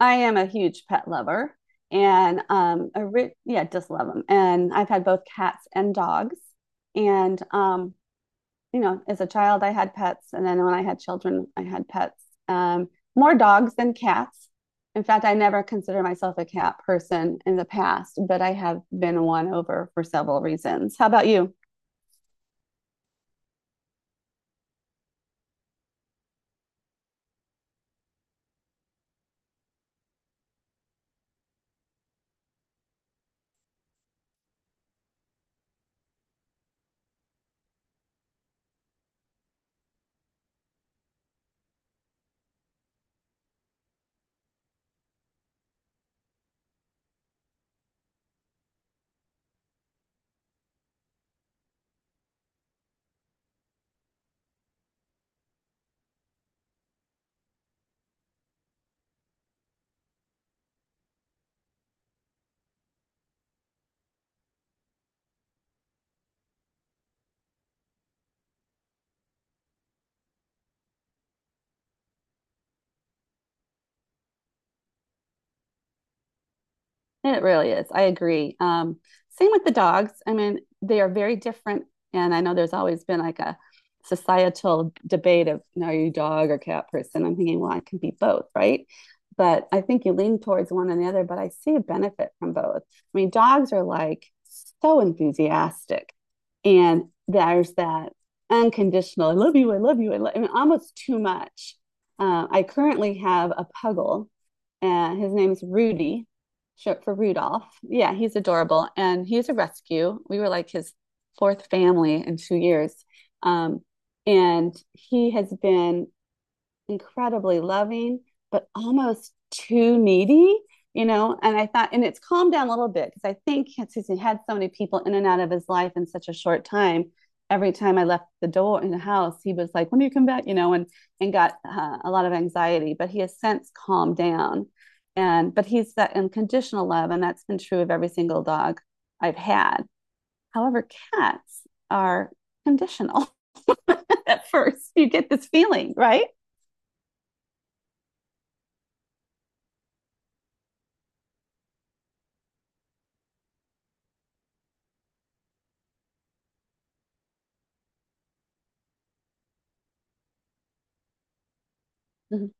I am a huge pet lover and yeah, just love them. And I've had both cats and dogs. And you know, as a child I had pets and then when I had children I had pets. Um More dogs than cats. In fact, I never considered myself a cat person in the past, but I have been won over for several reasons. How about you? It really is. I agree. Same with the dogs. I mean, they are very different. And I know there's always been like a societal debate of, you know, are you dog or cat person? I'm thinking, well, I can be both, right? But I think you lean towards one or the other, but I see a benefit from both. I mean, dogs are like so enthusiastic. And there's that unconditional, I love you, I love you, I love, I mean, almost too much. I currently have a puggle, and his name is Rudy, ship for Rudolph. Yeah, he's adorable. And he's a rescue. We were like his fourth family in 2 years. Um, and he has been incredibly loving, but almost too needy, you know. And I thought, and it's calmed down a little bit because I think since he had so many people in and out of his life in such a short time, every time I left the door in the house, he was like, "When do you come back?" You know, and got a lot of anxiety. But he has since calmed down, and but he's that unconditional love, and that's been true of every single dog I've had. However, cats are conditional at first. You get this feeling, right? Mhm.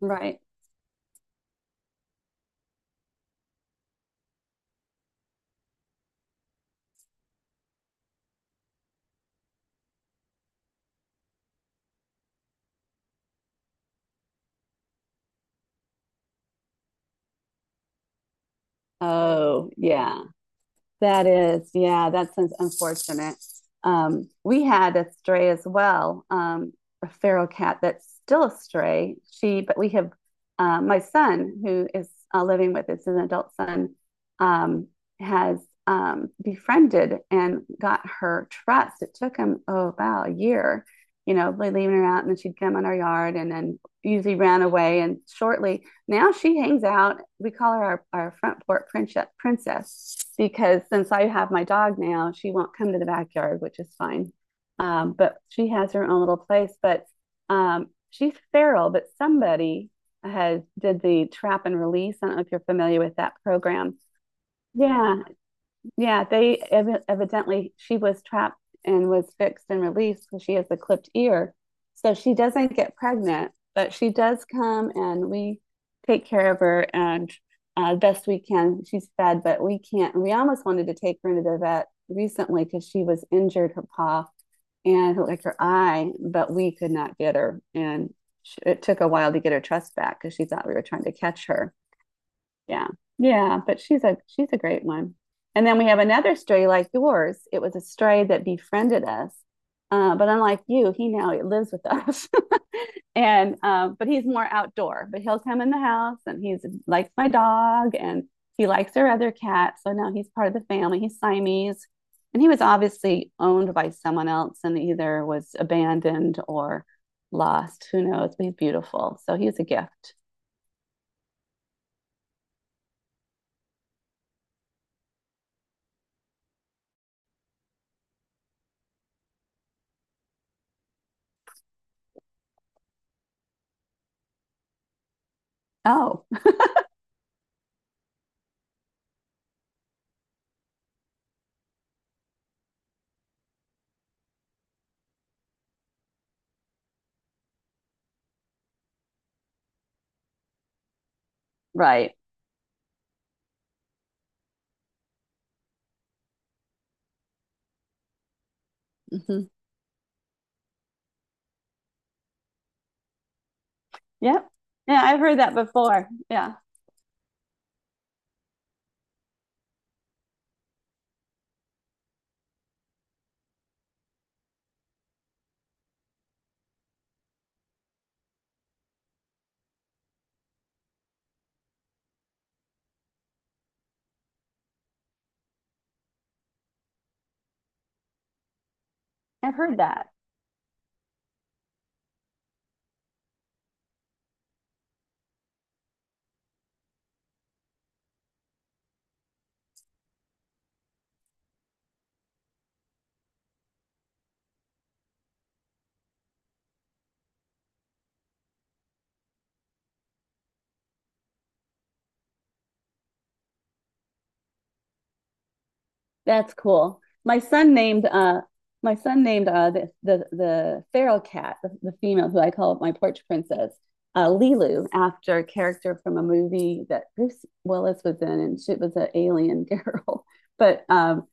Right. Oh, yeah. That is, yeah, that's unfortunate. We had a stray as well, a feral cat that's still a stray. But we have my son who is living with us, an adult son, um, has befriended and got her trust. It took him, oh, about a year, you know, leaving her out, and then she'd come in our yard and then usually ran away. And shortly, now she hangs out. We call her our front porch princess, because since I have my dog now, she won't come to the backyard, which is fine. But she has her own little place. But She's feral, but somebody has did the trap and release. I don't know if you're familiar with that program. Yeah, yeah, they evidently she was trapped and was fixed and released because she has a clipped ear. So she doesn't get pregnant, but she does come and we take care of her and best we can. She's fed, but we can't. We almost wanted to take her into the vet recently because she was injured her paw and like her eye, but we could not get her. And it took a while to get her trust back because she thought we were trying to catch her. Yeah. Yeah, but she's a great one. And then we have another stray like yours. It was a stray that befriended us. But unlike you, he now lives with us. And But he's more outdoor, but he'll come in the house and he's likes my dog and he likes our other cat. So now he's part of the family. He's Siamese. And he was obviously owned by someone else and either was abandoned or lost. Who knows? But he's beautiful. So he's a gift. Oh, right. Hmm. Yep. Yeah, I've heard that before. Yeah, I've heard that. That's cool. My son named the feral cat, the female who I call my porch princess, Lilu, after a character from a movie that Bruce Willis was in, and she was an alien girl. But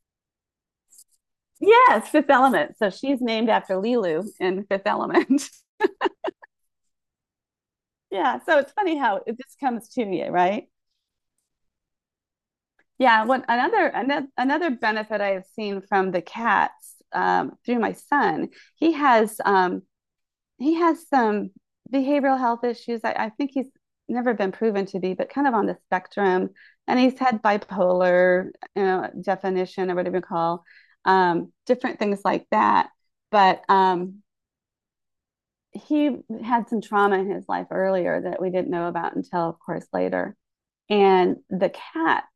Yes, Fifth Element. So she's named after Lilu in Fifth Element. Yeah, so it's funny how it just comes to you, right? Yeah, what another benefit I have seen from the cats, through my son, he has um, he has some behavioral health issues. I think he's never been proven to be, but kind of on the spectrum, and he's had bipolar, you know, definition or whatever you call different things like that. But He had some trauma in his life earlier that we didn't know about until, of course, later. And the cats,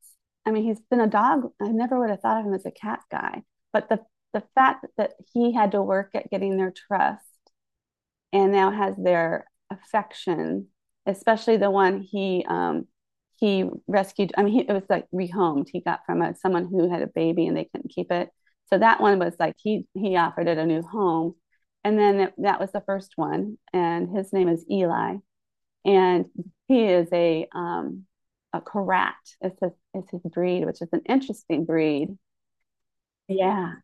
I mean, he's been a dog. I never would have thought of him as a cat guy, but the fact that he had to work at getting their trust and now has their affection, especially the one he rescued. I mean, he, it was like rehomed. He got from a, someone who had a baby and they couldn't keep it. So that one was like he offered it a new home, and then it, that was the first one, and his name is Eli and he is a a Karat. It's his breed, which is an interesting breed. Yeah,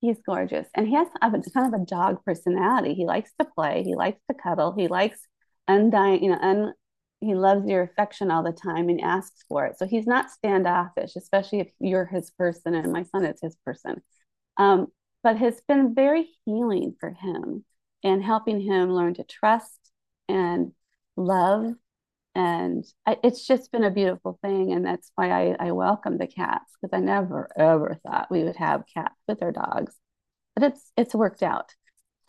he's gorgeous, and he has a, kind of a dog personality. He likes to play, he likes to cuddle, he likes undying, you know, un, he loves your affection all the time and asks for it. So he's not standoffish, especially if you're his person. And my son is his person. Um, but it's been very healing for him and helping him learn to trust and love and it's just been a beautiful thing, and that's why I welcome the cats because I never ever thought we would have cats with our dogs, but it's worked out.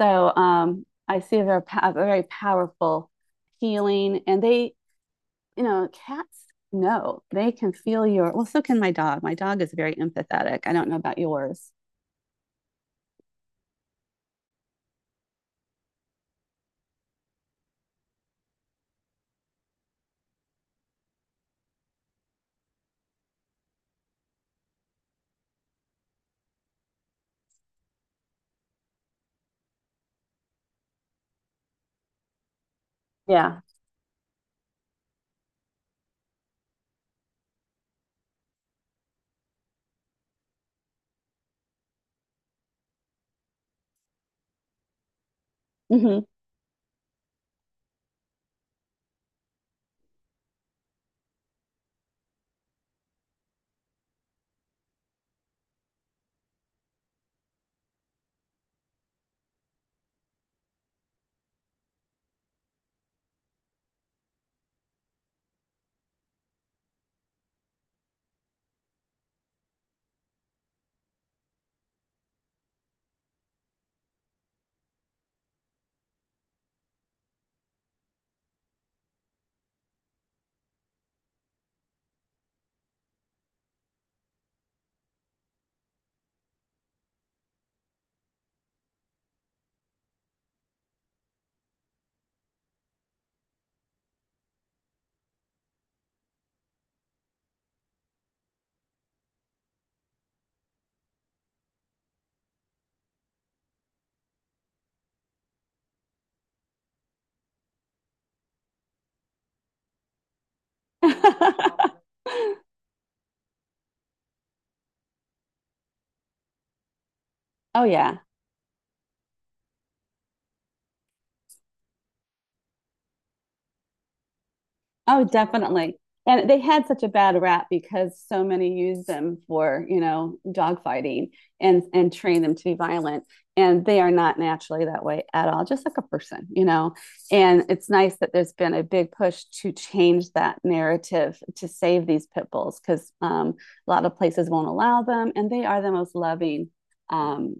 I see they're a very powerful healing, and they, you know, cats know they can feel your well. So can my dog. My dog is very empathetic. I don't know about yours. Yeah. Hmm. Oh yeah. Oh, definitely. And they had such a bad rap because so many use them for, you know, dogfighting and train them to be violent. And they are not naturally that way at all, just like a person, you know. And it's nice that there's been a big push to change that narrative to save these pit bulls because a lot of places won't allow them, and they are the most loving um,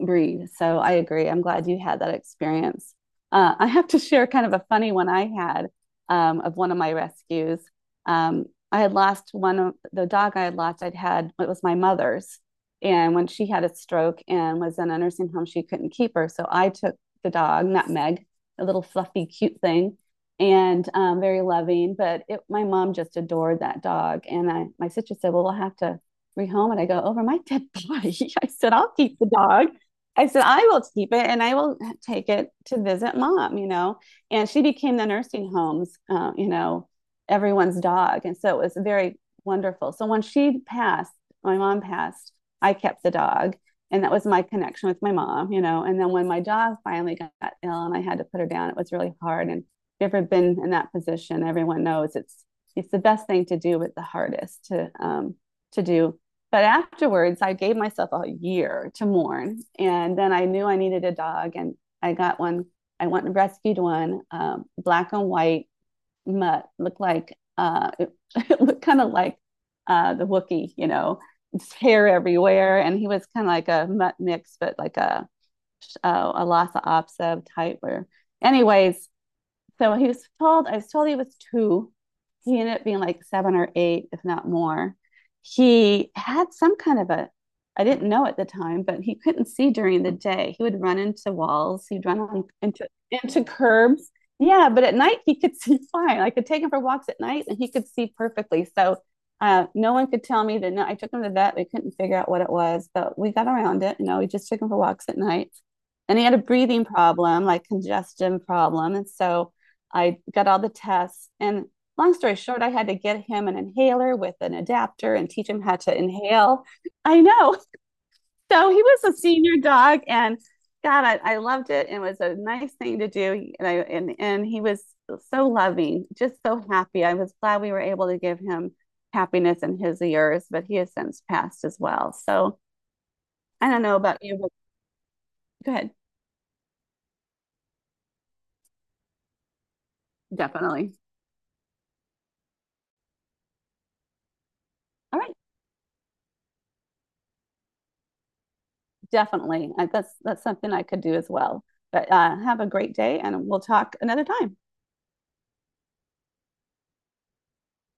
breed. So I agree. I'm glad you had that experience. I have to share kind of a funny one I had of one of my rescues. Um, I had lost one of the dog I had lost, I'd had, it was my mother's. And when she had a stroke and was in a nursing home, she couldn't keep her. So I took the dog, Nutmeg, a little fluffy, cute thing, and very loving. But it, my mom just adored that dog. And my sister said, "Well, we'll have to rehome it." I go, "Over my dead body." I said, "I'll keep the dog." I said, "I will keep it and I will take it to visit mom, you know?" And she became the nursing home's, you know, everyone's dog, and so it was very wonderful. So when she passed, my mom passed, I kept the dog, and that was my connection with my mom, you know. And then when my dog finally got ill and I had to put her down, it was really hard. And if you've ever been in that position, everyone knows it's the best thing to do, but the hardest to do. But afterwards, I gave myself a year to mourn, and then I knew I needed a dog, and I got one. I went and rescued one, black and white mutt, looked like it, it looked kind of like the Wookiee, you know, his hair everywhere, and he was kind of like a mutt mix, but like a, a Lhasa Apso type. Where, anyways, so I was told he was two. He ended up being like seven or eight, if not more. He had some kind of a, I didn't know at the time, but he couldn't see during the day. He would run into walls, he'd run into curbs. Yeah, but at night he could see fine. I could take him for walks at night and he could see perfectly. So no one could tell me that. No, I took him to the vet. We couldn't figure out what it was, but we got around it. You know, we just took him for walks at night. And he had a breathing problem, like congestion problem. And so I got all the tests. And long story short, I had to get him an inhaler with an adapter and teach him how to inhale. I know. So he was a senior dog and God, I loved it. It was a nice thing to do. And he was so loving, just so happy. I was glad we were able to give him happiness in his years, but he has since passed as well. So I don't know about you, but go ahead. Definitely. All right. Definitely. That's something I could do as well. But have a great day, and we'll talk another time.